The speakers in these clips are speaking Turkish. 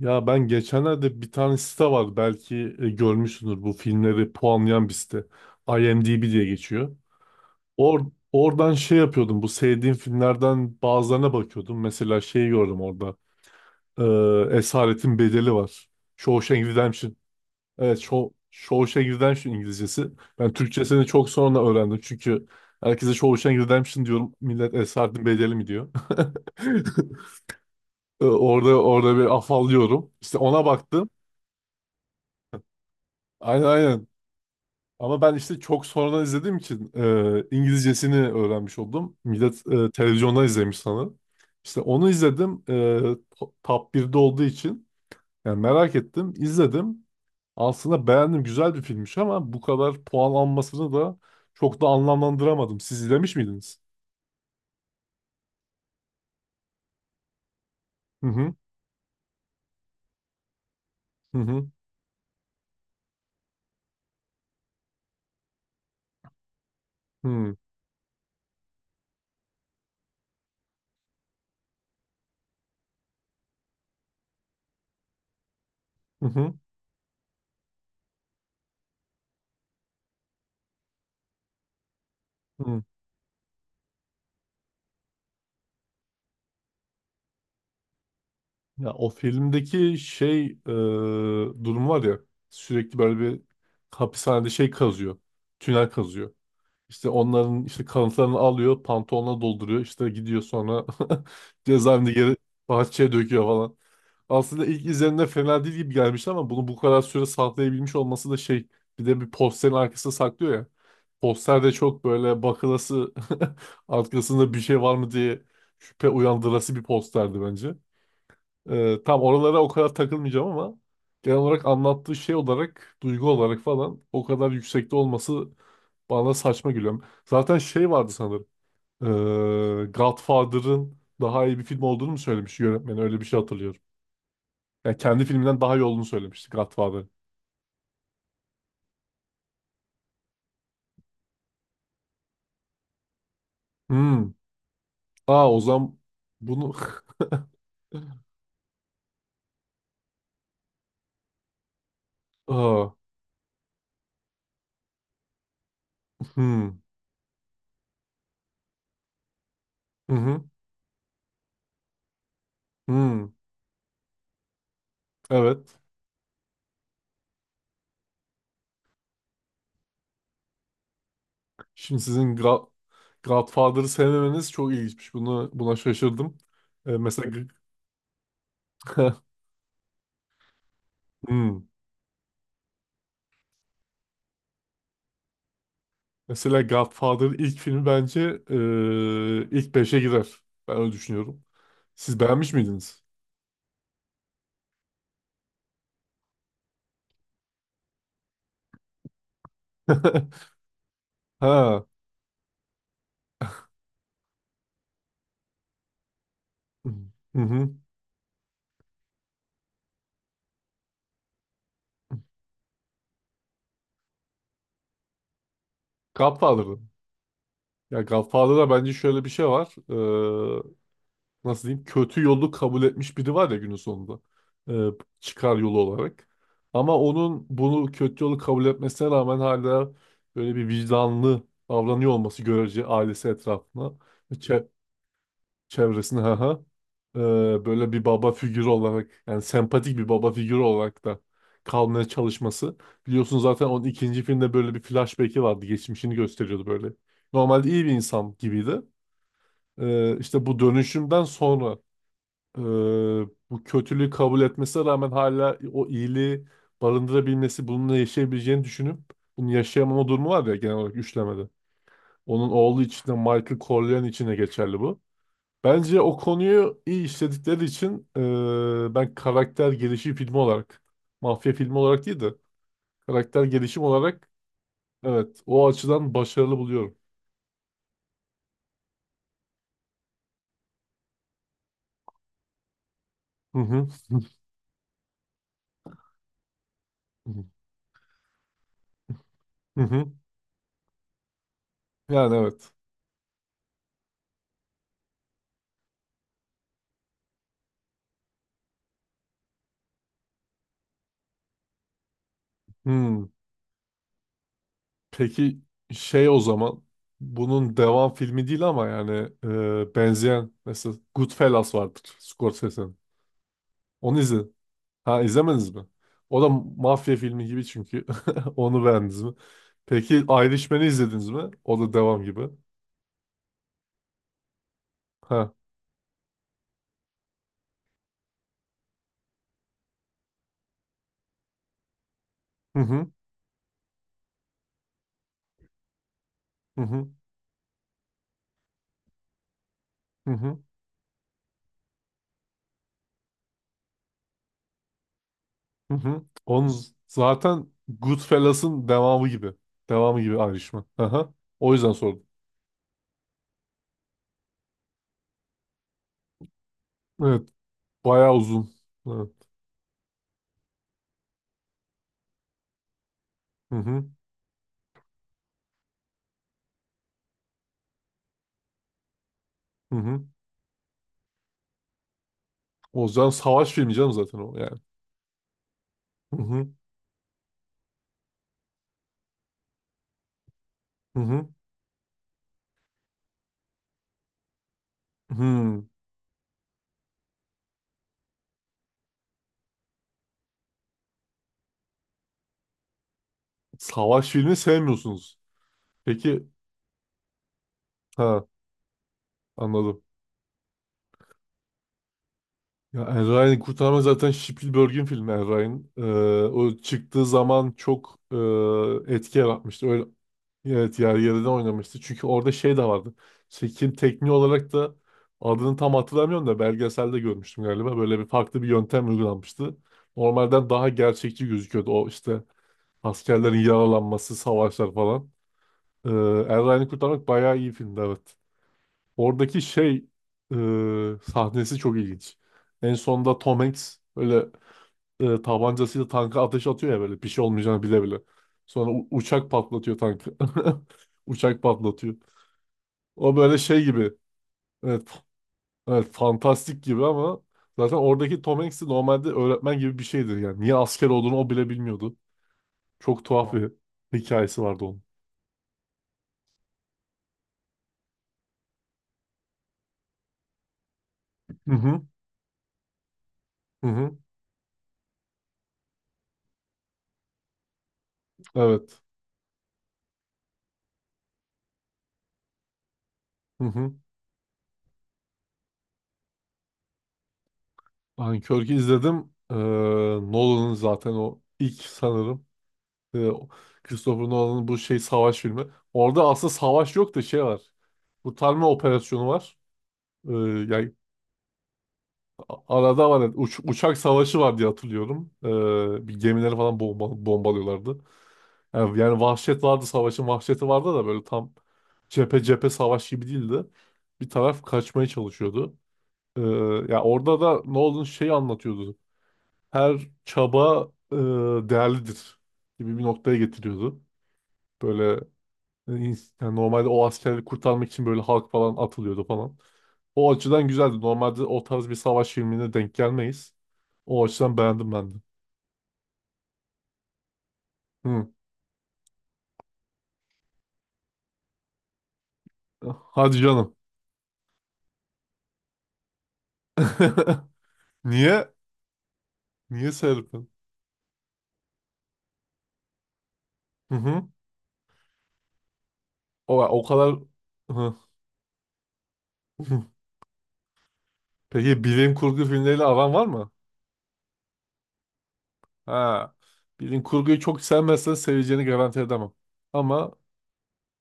Ya ben geçenlerde bir tane site var belki görmüşsündür bu filmleri puanlayan bir site. IMDb diye geçiyor. Or Oradan şey yapıyordum, bu sevdiğim filmlerden bazılarına bakıyordum. Mesela şeyi gördüm orada. Esaretin Bedeli var. Shawshank Redemption. Evet, Shawshank Redemption İngilizcesi. Ben Türkçesini çok sonra öğrendim çünkü herkese Shawshank Redemption diyorum. Millet Esaretin Bedeli mi diyor. Orada bir afallıyorum. İşte ona baktım. Aynen, aynen. Ama ben işte çok sonradan izlediğim için İngilizcesini öğrenmiş oldum. Millet televizyondan izlemiş sana. İşte onu izledim. Top 1'de olduğu için. Yani merak ettim, izledim. Aslında beğendim. Güzel bir filmmiş ama bu kadar puan almasını da çok da anlamlandıramadım. Siz izlemiş miydiniz? Hı hı. Hı hı. Hı hı. Hı, hı. Ya o filmdeki şey, durum var ya, sürekli böyle bir hapishanede şey kazıyor. Tünel kazıyor. İşte onların işte kanıtlarını alıyor, pantolonuna dolduruyor. İşte gidiyor sonra cezaevinde geri bahçeye döküyor falan. Aslında ilk izlenimde fena değil gibi gelmiş ama bunu bu kadar süre saklayabilmiş olması da şey, bir de bir posterin arkasında saklıyor ya. Poster de çok böyle bakılası, arkasında bir şey var mı diye şüphe uyandırası bir posterdi bence. Tam oralara o kadar takılmayacağım ama genel olarak anlattığı şey olarak, duygu olarak falan o kadar yüksekte olması bana saçma gülüyorum. Zaten şey vardı sanırım. Ee, Godfather'ın daha iyi bir film olduğunu mu söylemiş yönetmen? Öyle bir şey hatırlıyorum. Yani kendi filminden daha iyi olduğunu söylemişti Godfather'ın. Hmm. Aa, o zaman bunu... Aa, hmm. Hı hı. Hmm. Evet. Şimdi sizin Gra- Godfather'ı sevmemeniz çok ilginçmiş. Buna şaşırdım. Mesela. Hmm. Mesela Godfather'ın ilk filmi bence ilk beşe girer. Ben öyle düşünüyorum. Siz beğenmiş miydiniz? Ha. Hı hı. Godfather'ı. Ya Godfather'da bence şöyle bir şey var. Nasıl diyeyim? Kötü yolu kabul etmiş biri var ya günün sonunda. Ee, Çıkar yolu olarak. Ama onun bunu kötü yolu kabul etmesine rağmen hala böyle bir vicdanlı davranıyor olması, görece ailesi etrafına. Çevresinde, ha ha. Ee, Böyle bir baba figürü olarak, yani sempatik bir baba figürü olarak da kalmaya çalışması. Biliyorsun zaten onun ikinci filmde böyle bir flashback'i vardı. Geçmişini gösteriyordu böyle. Normalde iyi bir insan gibiydi. İşte bu dönüşümden sonra e, bu kötülüğü kabul etmesine rağmen hala o iyiliği barındırabilmesi, bununla yaşayabileceğini düşünüp bunu yaşayamama durumu var ya genel olarak üçlemede. Onun oğlu için de Michael Corleone için de geçerli bu. Bence o konuyu iyi işledikleri için ben karakter gelişim filmi olarak, mafya filmi olarak değil de karakter gelişim olarak, evet, o açıdan başarılı buluyorum. Hı hı. Hı hı. Yani evet. Hmm. Peki şey, o zaman bunun devam filmi değil ama yani benzeyen mesela Goodfellas vardır Scorsese'nin. Onu izledin. Ha, izlemediniz mi? O da mafya filmi gibi çünkü. Onu beğendiniz mi? Peki Irishman'ı izlediniz mi? O da devam gibi. Ha. Hı hı. Hı hı. Hı hı. Hı hı. Zaten Goodfellas'ın devamı gibi. Devamı gibi Irishman. Aha. O yüzden sordum. Evet. Bayağı uzun. Evet. Hı hı. Hı hı. O yüzden savaş filmi canım zaten o yani. Hı hı. Hı hı. Hı. Savaş filmi sevmiyorsunuz. Peki. Ha. Anladım. Ya Er Ryan'ı kurtarma zaten Spielberg'in filmi Er Ryan. O çıktığı zaman çok etki yaratmıştı. Öyle, evet, yer yerinden oynamıştı. Çünkü orada şey de vardı. Çekim tekniği olarak da adını tam hatırlamıyorum da belgeselde görmüştüm galiba. Böyle bir farklı bir yöntem uygulanmıştı. Normalden daha gerçekçi gözüküyordu. O işte askerlerin yaralanması, savaşlar falan. Ee, Er Ryan'ı kurtarmak bayağı iyi filmdi, evet. Oradaki şey, e, sahnesi çok ilginç. En sonda Tom Hanks böyle tabancasıyla tanka ateş atıyor ya, böyle bir şey olmayacağını bile bile. Sonra uçak patlatıyor tankı. Uçak patlatıyor. O böyle şey gibi. Evet, f- evet, fantastik gibi ama zaten oradaki Tom Hanks de normalde öğretmen gibi bir şeydir yani. Niye asker olduğunu o bile bilmiyordu. Çok tuhaf bir hikayesi vardı onun. Hı hı. Hı hı. Evet. Hı hı. Dunkirk'ü izledim. Nolan'ın zaten o ilk sanırım. Ee, Christopher Nolan'ın bu şey savaş filmi. Orada aslında savaş yok da şey var. Kurtarma operasyonu var. Ee, yani arada var. Yani uçak savaşı var diye hatırlıyorum. Bir gemileri falan bombalıyorlardı. Yani vahşet vardı. Savaşın vahşeti vardı da böyle tam cephe cephe savaş gibi değildi. Bir taraf kaçmaya çalışıyordu. Ee, Ya orada da Nolan şeyi anlatıyordu. Her çaba değerlidir gibi bir noktaya getiriyordu. Böyle yani normalde o askerleri kurtarmak için böyle halk falan atılıyordu falan. O açıdan güzeldi. Normalde o tarz bir savaş filmine denk gelmeyiz. O açıdan beğendim ben de. Hı. Hadi canım. Niye? Niye seyrettin? Hı hı. O kadar... Hı. Hı. Peki bilim kurgu filmleriyle aran var mı? Ha. Bilim kurguyu çok sevmezsen seveceğini garanti edemem. Ama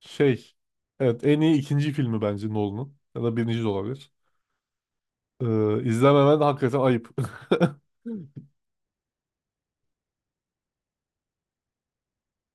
şey, evet, en iyi ikinci filmi bence Nolan'ın. Ya da birinci de olabilir. İzlememen hakikaten ayıp.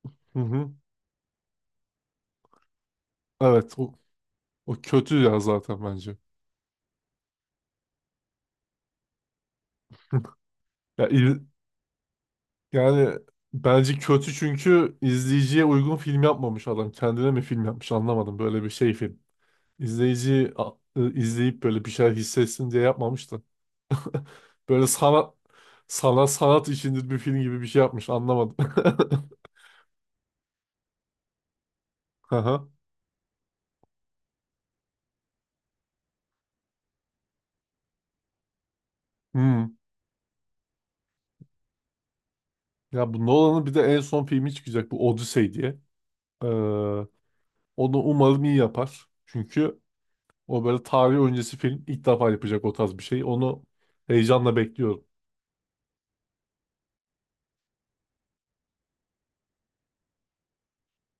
Hı hı. Evet, o, O kötü ya zaten bence. Ya, il- Yani bence kötü çünkü izleyiciye uygun film yapmamış adam. Kendine mi film yapmış anlamadım. Böyle bir şey film. İzleyip böyle bir şeyler hissetsin diye yapmamış da. Böyle sanat sana sanat içindir bir film gibi bir şey yapmış, anlamadım. Aha. Ya bu Nolan'ın bir de en son filmi çıkacak, bu Odyssey diye. Ee, Onu umarım iyi yapar. Çünkü o böyle tarih öncesi film ilk defa yapacak, o tarz bir şey. Onu heyecanla bekliyorum.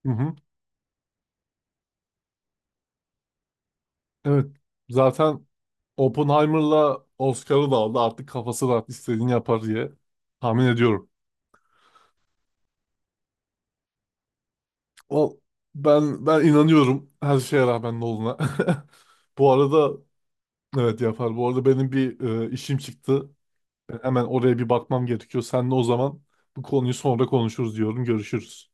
Hı hı. Evet. Zaten Oppenheimer'la Oscar'ı da aldı. Artık kafası rahat istediğini yapar diye tahmin ediyorum. O, ben inanıyorum her şeye rağmen Nolan'a. Bu arada evet, yapar. Bu arada benim bir işim çıktı. Ben hemen oraya bir bakmam gerekiyor. Seninle o zaman bu konuyu sonra konuşuruz diyorum. Görüşürüz.